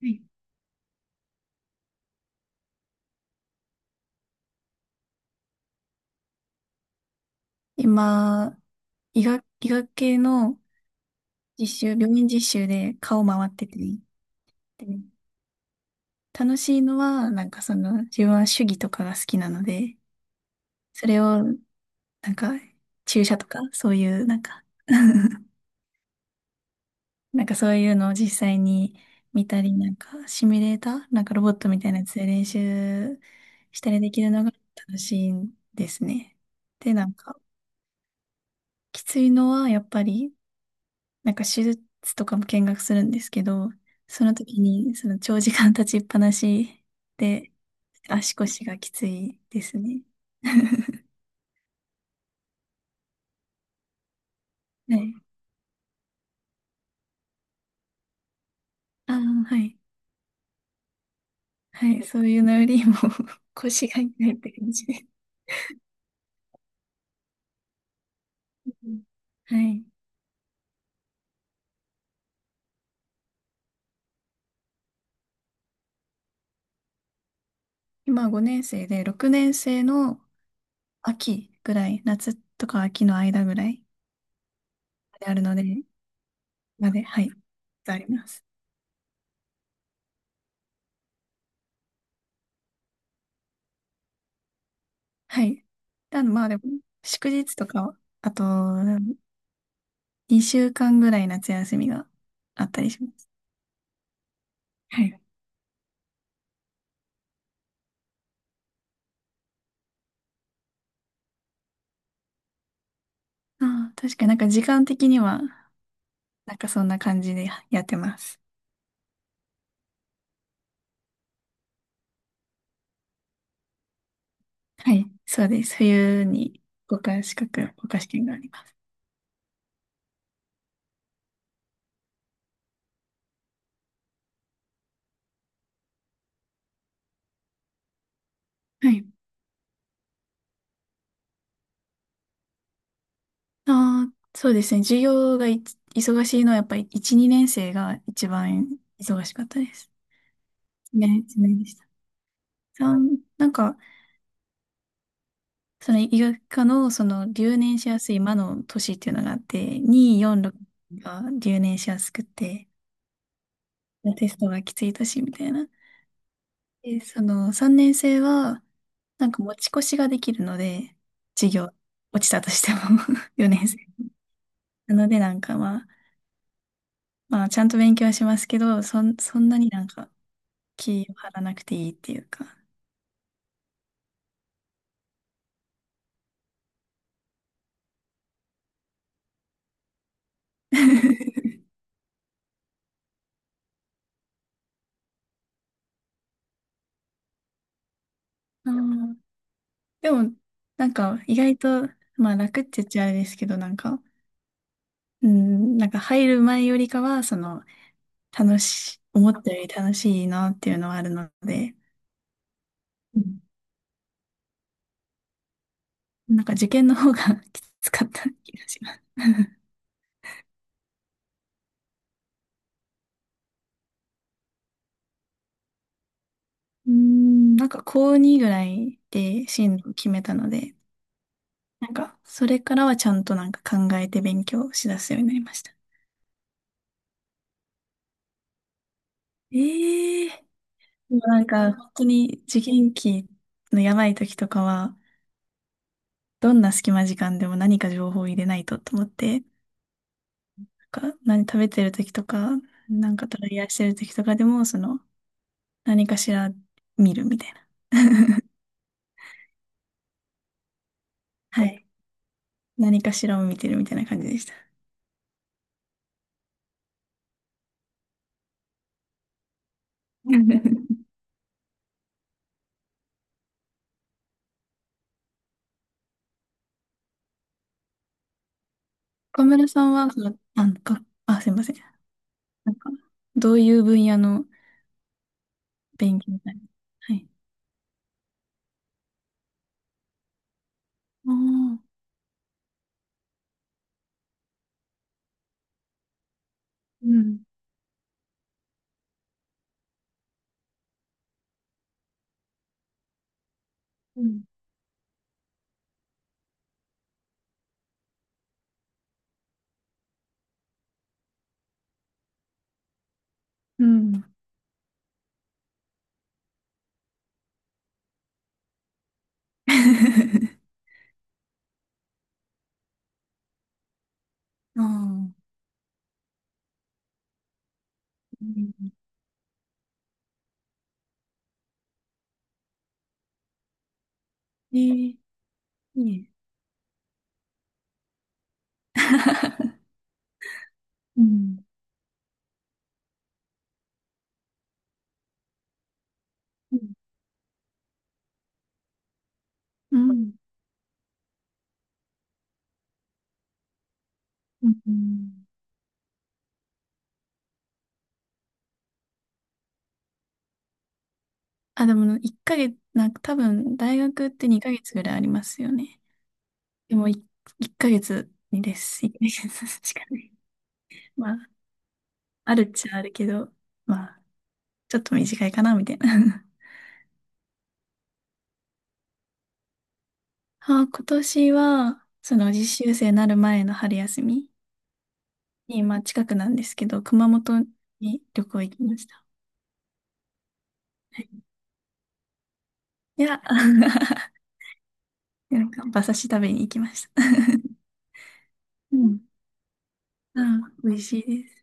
はい。今、医学系の病院実習で顔回っててね。で、楽しいのは、なんかその、自分は手技とかが好きなので、それを、なんか、注射とか、そういう、なんか なんかそういうのを実際に見たり、なんか、シミュレーター、なんかロボットみたいなやつで練習したりできるのが楽しいんですね。で、なんか、きついのは、やっぱり、なんか手術とかも見学するんですけど、その時にその長時間立ちっぱなしで足腰がきついですね。はい。ああ、はい。はい。そういうのよりも 腰が痛いって感じで。うん、はい。今5年生で、6年生の秋ぐらい、夏とか秋の間ぐらいであるので、まで、はい。あります。はい。ただまあでも、祝日とか、あと、2週間ぐらい夏休みがあったりします。はい。ああ、確かになんか時間的には、なんかそんな感じでやってます。はい。そうです。冬に国家試験があります。はい。ああ、そうですね。授業が忙しいのはやっぱり1、2年生が一番忙しかったです。ね、一年でした。なんか、その医学科のその留年しやすい魔の年っていうのがあって、2、4、6が留年しやすくて、テストがきついしみたいな。で、その3年生は、なんか持ち越しができるので、授業落ちたとしても、 4年生。なのでなんかまあ、まあちゃんと勉強はしますけど、そんなになんか気を張らなくていいっていうか。あーでも、なんか意外と、まあ楽って言っちゃあれですけど、なんか、うん、なんか入る前よりかは、その、思ったより楽しいなっていうのはあるので、うん、なんか受験の方が きつかった気がします。なんか高2ぐらいで進路を決めたので、なんかそれからはちゃんとなんか考えて勉強しだすようになりました。ええでもなんか本当に受験期のやばい時とかは、どんな隙間時間でも何か情報を入れないとと思って、なんか何食べてる時とか、なんかトライアーしてる時とかでも、その何かしら見るみたいな。はい。何かしらを見てるみたいな感じでした。岡村さんは、すいません。なんか、どういう分野の勉強みたいな。はい。ああ、うん、うん、うん。ああ、うん、いいね。うん、うん、うん。うん、あ、でも、一ヶ月、なんか多分、大学って二ヶ月ぐらいありますよね。でも、一ヶ月にです。一ヶ月しかない。まあ、あるっちゃあるけど、まあちょっと短いかな、みたいな。あ、今年は、その実習生になる前の春休みに、まあ近くなんですけど、熊本に旅行行きました。はい、いや、なんか馬刺し食べに行きました。うん。あ、美味しいです。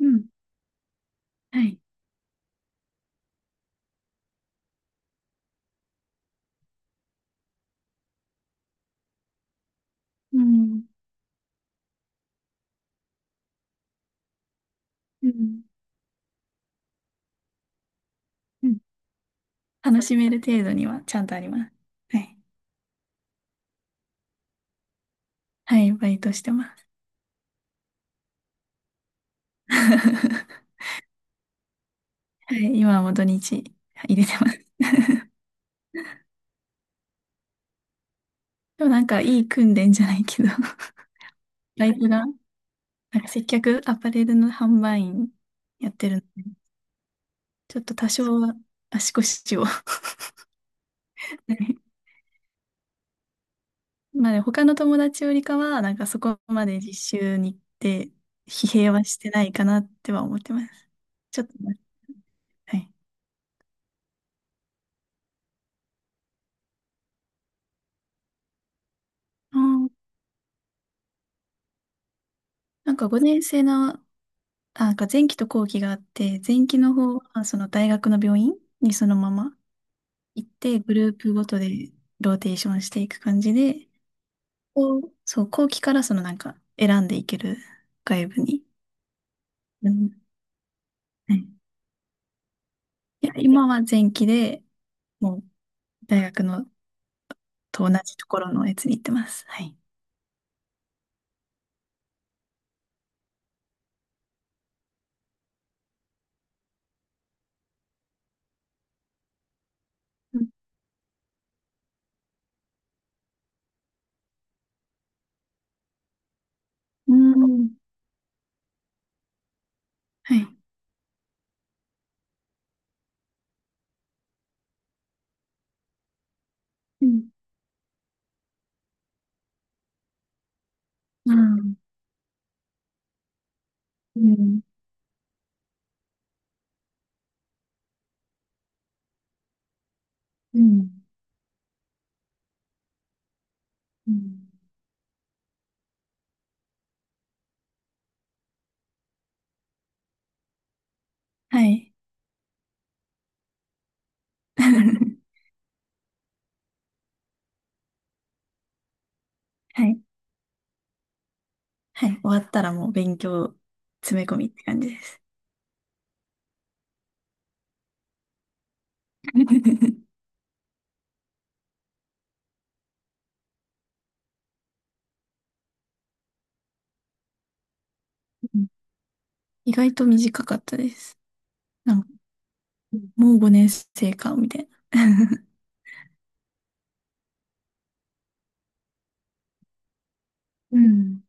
うん。はい。うん。うん。うん、楽しめる程度にはちゃんとあります。はい。はい、バイトしてます。はい、今はもう土日入れてます。でもなんかいい訓練じゃないけど、バイトがなんか接客アパレルの販売員やってるので、ちょっと多少は足腰を まあでも他の友達よりかは、なんかそこまで実習に行って、疲弊はしてないかなっては思ってます。ちょっと待って、はい。あーなんか5年生の、あ、なんか前期と後期があって、前期の方はその大学の病院にそのまま行って、グループごとでローテーションしていく感じで、こうそう、後期からそのなんか選んでいける外部に。うん。はい、いや、今は前期でもう大学のと同じところのやつに行ってます。はい。うん。うん、はい。うん。うんうんうんうん、はい。はい。はい。終わったらもう勉強詰め込みって感じです。うん、意外と短かったです。なんか、もう5年生か、みたいな。うん。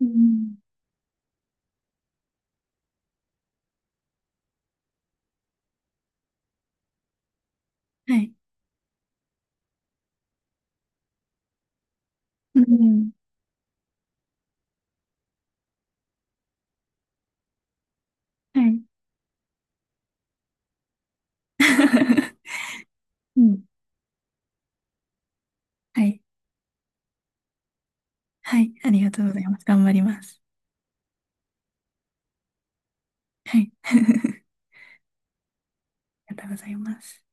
うん、はい。うん。はい。うん。はい。はい。ありがとうございます。頑張ります。はい。ありがとうございます。